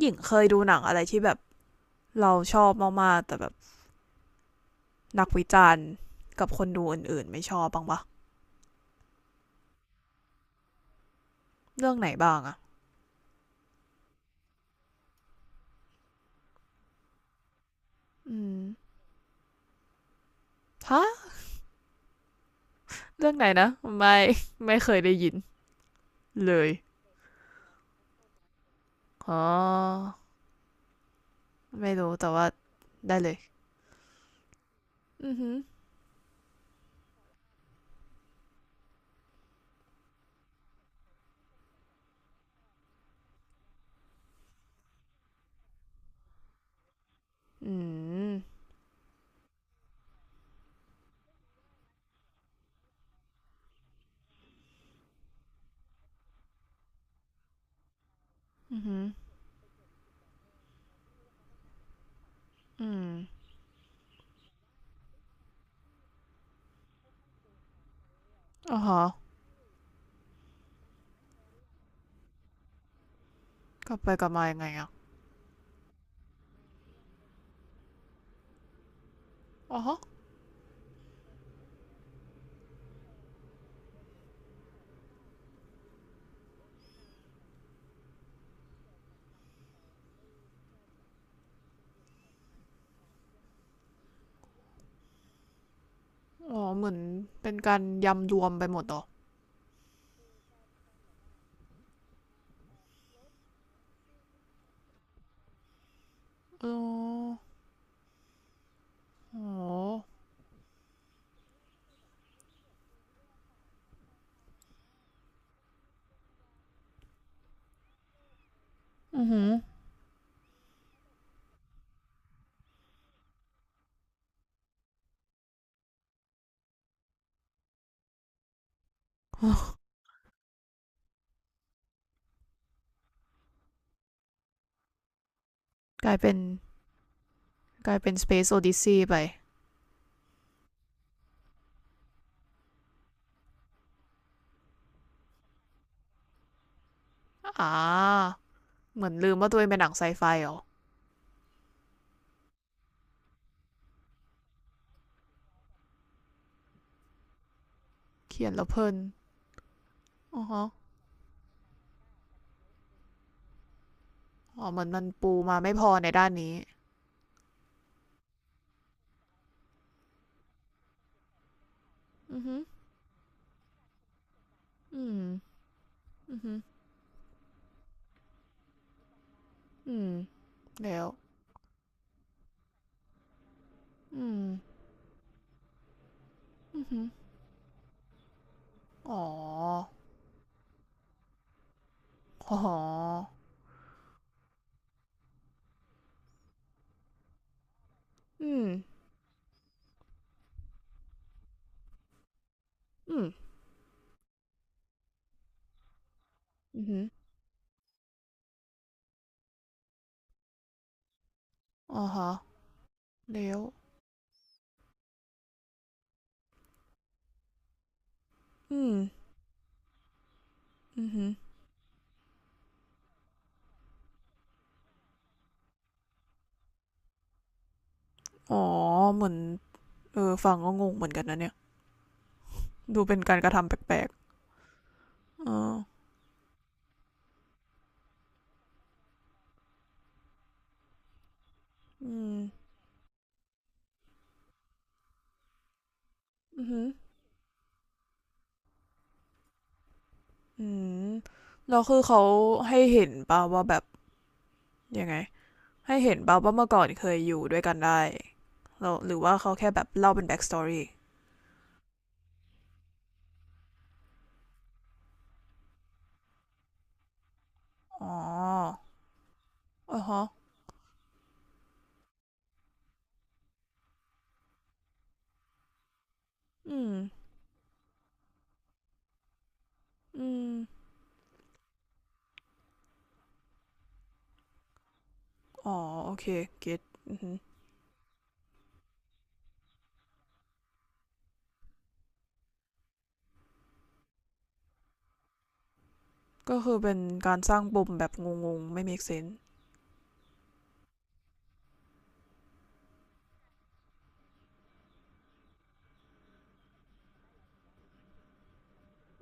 หญิงเคยดูหนังอะไรที่แบบเราชอบมากๆแต่แบบนักวิจารณ์กับคนดูอื่นๆไม่ชอบบ้างปะเรื่องไหนบ้างอะอืมฮะเรื่องไหนนะไม่ไม่เคยได้ยินเลยอ๋อไม่รู้แต่ว่าได้เลยอือหืออืมอือหืออืมอ๋อฮะกลับไปกลับมายังไงอะอ๋ออ๋อเหมือนเป็นการยำรวมไปหมดหรออ๋ออ๋ออือหือกลายเป็นกลายเป็น Space Odyssey ไป อ่าเหมือนลืมว่าตัวเองเป็นหนังไซไฟเหรอเขียนแล้วเพลินอ๋อฮะอ๋อเหมือนมันปูมาไม่พอในด้านนี้อือฮึอืมอือฮึอืมแล้วอืมอือฮึอ๋ออ๋ออืมอืมอือฮึอ๋อฮะแล้วอืมอือฮึอ๋อเหมือนเออฟังก็งงเหมือนกันนะเนี่ยดูเป็นการกระทำแปลกๆเอออืมอือฮึอืมแล้วคือเขาให้เห็นป่ะว่าแบบ ยังไงให้เห็นเปล่างว่าเมื่อก่อนเคยอยู่ด้วยกันได้แล้วหรือว่าเขาแค่แบบเล่าเป็นแบ็กสตอรี่อ๋ออ๋อฮะอืมอืมอ๋อโอเคเก็ตก็คือเป็นการสร้างปมแบบงงๆไม่ make sense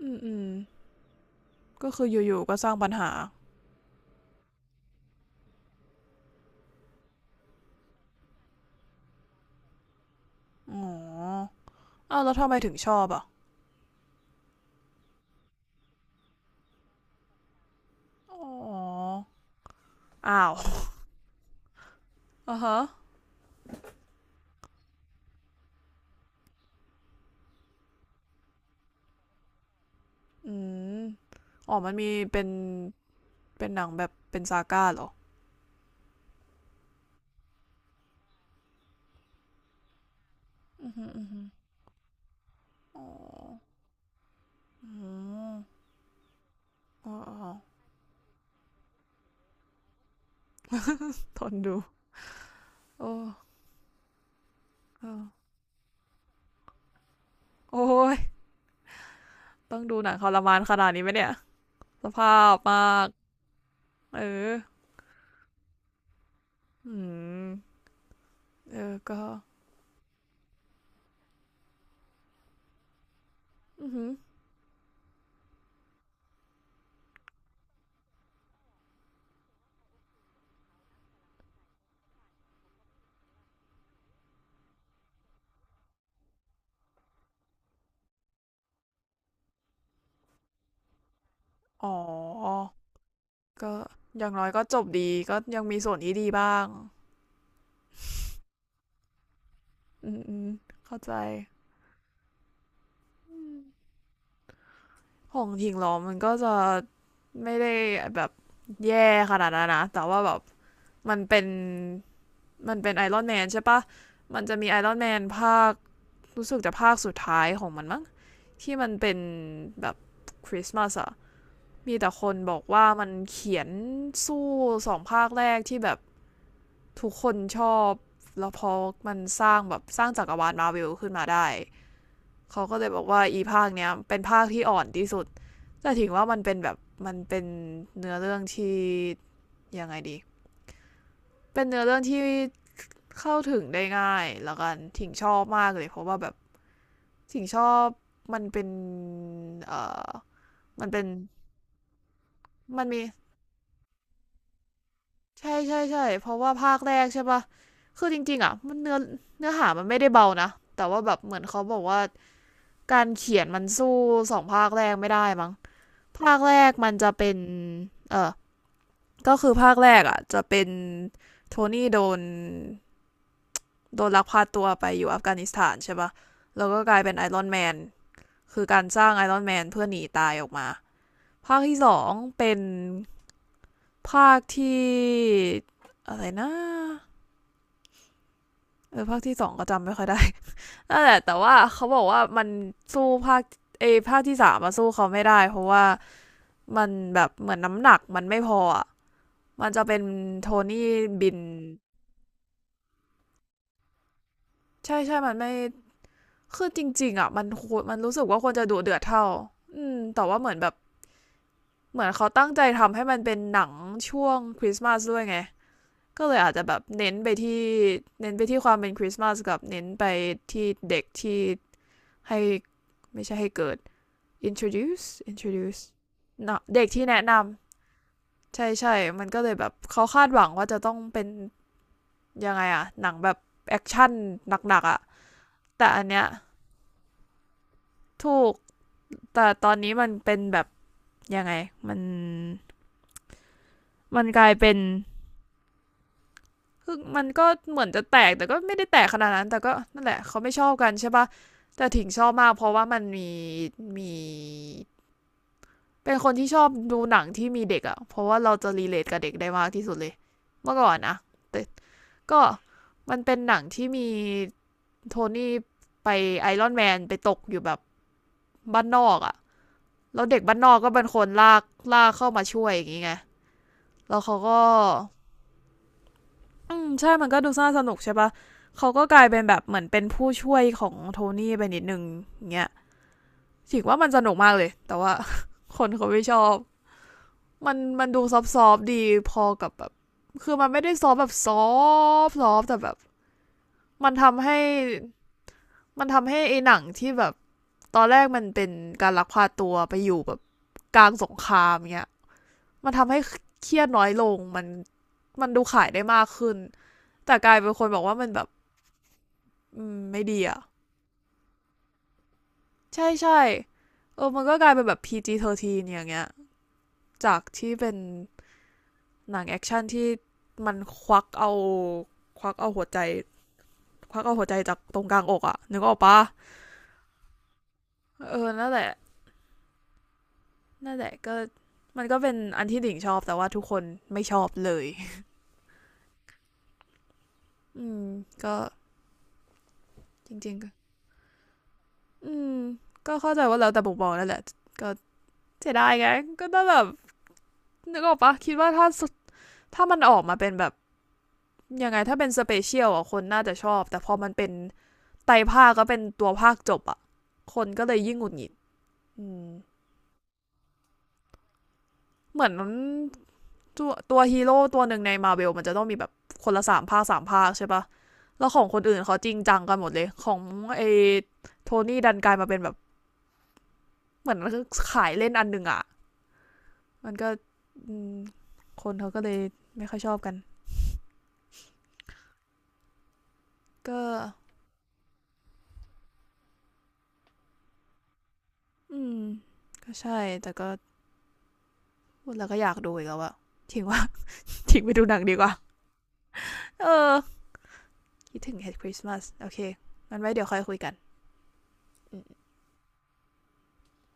อืมอืมก็คืออยู่ๆก็สร้างปัญหาอ๋ออ้าวแล้วทำไมถึงชอบอ่ะอ๋ออ้าวอ่ะฮะอืมอ๋อมันมีเป็นเป็นหนังแบบเป็นซาก้าเหรออืมอืมอ๋ออืม อ๋อทนดูโอ้โอ้ยต้องดูหนังทรมานขนาดนี้ไหมเนี่ยสภาพมากเอออืมเออก็อือหืออ๋อก็อย่างน้อยก็จบดีก็ยังมีส่วนที่ดีบ้างอืมอืมเข้าใจอมของทิ้งล้อมมันก็จะไม่ได้แบบแย่ขนาดนั้นนะแต่ว่าแบบมันเป็นมันเป็นไอรอนแมนใช่ปะมันจะมีไอรอนแมนภาครู้สึกจะภาคสุดท้ายของมันมั้ง ที่มันเป็นแบบคริสต์มาสอะมีแต่คนบอกว่ามันเขียนสู้สองภาคแรกที่แบบทุกคนชอบ แล้วพอมันสร้างแบบสร้างจักรวาลมาร์เวิลขึ้นมาได้ เขาก็เลยบอกว่าอีภาคเนี้ยเป็นภาคที่อ่อนที่สุดแต่ถึงว่ามันเป็นแบบมันเป็นเนื้อเรื่องที่ยังไงดี เป็นเนื้อเรื่องที่เข้าถึงได้ง่ายแล้วกันถิงชอบมากเลยเพราะว่าแบบถิงชอบมันเป็นเอ่อมันเป็นมันมี ใช่ใช่ใช่เพราะว่าภาคแรกใช่ปะคือจริงๆอ่ะมันเนื้อเนื้อหามันไม่ได้เบานะแต่ว่าแบบเหมือนเขาบอกว่าการเขียนมันสู้สองภาคแรกไม่ได้มั้งภาคแรกมันจะเป็นเออก็คือภาคแรกอ่ะจะเป็นโทนี่โดนลักพาตัวไปอยู่อัฟกานิสถานใช่ปะแล้วก็กลายเป็นไอรอนแมนคือการสร้างไอรอนแมนเพื่อหนีตายออกมาภาคที่สองเป็นภาคที่อะไรนะเออภาคที่สองก็จำไม่ค่อยได้ นั่นแหละแต่ว่าเขาบอกว่ามันสู้ภาคภาคที่สามมาสู้เขาไม่ได้เพราะว่ามันแบบเหมือนน้ำหนักมันไม่พออะมันจะเป็นโทนี่บินใช่ใช่มันไม่คือจริงๆอ่ะมันรู้สึกว่าควรจะดุเดือดเท่าอืมแต่ว่าเหมือนแบบเหมือนเขาตั้งใจทำให้มันเป็นหนังช่วงคริสต์มาสด้วยไง ก็เลยอาจจะแบบเน้นไปที่ความเป็นคริสต์มาสกับเน้นไปที่เด็กที่ให้ไม่ใช่ให้เกิด introduce introduce เนาะเด็กที่แนะนำใช่ใช่มันก็เลยแบบเขาคาดหวังว่าจะต้องเป็นยังไงอะหนังแบบแอคชั่นหนักๆอะแต่อันเนี้ยถูกแต่ตอนนี้มันเป็นแบบยังไงมันมันกลายเป็นคือมันก็เหมือนจะแตกแต่ก็ไม่ได้แตกขนาดนั้นแต่ก็นั่นแหละเขาไม่ชอบกันใช่ปะแต่ถิงชอบมากเพราะว่ามันมีมีเป็นคนที่ชอบดูหนังที่มีเด็กอะเพราะว่าเราจะรีเลทกับเด็กได้มากที่สุดเลยเมื่อก่อนนะแต่ ก็มันเป็นหนังที่มีโทนี่ไปไอรอนแมนไปตกอยู่แบบบ้านนอกอะ่ะแล้วเด็กบ้านนอกก็เป็นคนลากลากเข้ามาช่วยอย่างงี้ไงแล้วเขาก็อืมใช่มันก็ดูน่าสนุกใช่ปะเขาก็กลายเป็นแบบเหมือนเป็นผู้ช่วยของโทนี่ไปนิดนึงอย่างเงี้ยถือว่ามันสนุกมากเลยแต่ว่า คนเขาไม่ชอบมันมันดูซอฟๆดีพอกับแบบคือมันไม่ได้ซอฟแบบซอฟซอฟแต่แบบมันทำให้มันทำให้ไอ้หนังที่แบบ ตอนแรกมันเป็นการลักพาตัวไปอยู่แบบกลางสงครามเงี้ยมันทำให้เครียดน้อยลงมันมันดูขายได้มากขึ้นแต่กลายเป็นคนบอกว่ามันแบบไม่ดีอะใช่ใช่เออมันก็กลายเป็นแบบ PG-13 อย่างเงี้ยจากที่เป็นหนังแอคชั่นที่มันควักเอาควักเอาหัวใจควักเอาหัวใจจากตรงกลางอกอะนึกออกปะเออนั่นแหละนั่นแหละก็มันก็เป็นอันที่ดิ่งชอบแต่ว่าทุกคนไม่ชอบเลยอืมก็ จริงๆก็อืมก็เข้าใจว่าแล้วแต่บุกบอนั่นแหละก็เสียดายไงก็ต้องแบบนึกออกปะคิดว่าถ้าถ้ามันออกมาเป็นแบบยังไงถ้าเป็นสเปเชียลอ่ะคนน่าจะชอบแต่พอมันเป็นไตรภาคก็เป็นตัวภาคจบอ่ะคนก็เลยยิ่งหงุดหงิดอืมเหมือนตัวฮีโร่ตัวหนึ่งในมาเ e ลมันจะต้องมีแบบคนละสามภาคสามภาคใช่ปะแล้วของคนอื่นเขาจริงจังกันหมดเลยของไอโทนี่ดันกลายมาเป็นแบบเหมือนขายเล่นอันหนึ่งอะ มันก็คนเขาก็เลยไม่ค่อยชอบกันก็อืมก็ใช่แต่ก็พูดแล้วก็อยากดูอีกแล้วอะทิ้งว่า ทิ้งไปดูหนังดีกว่าเออคิดถึง Head Christmas โอเคมันไว้เดี๋ยวค่อยคุยกันอืม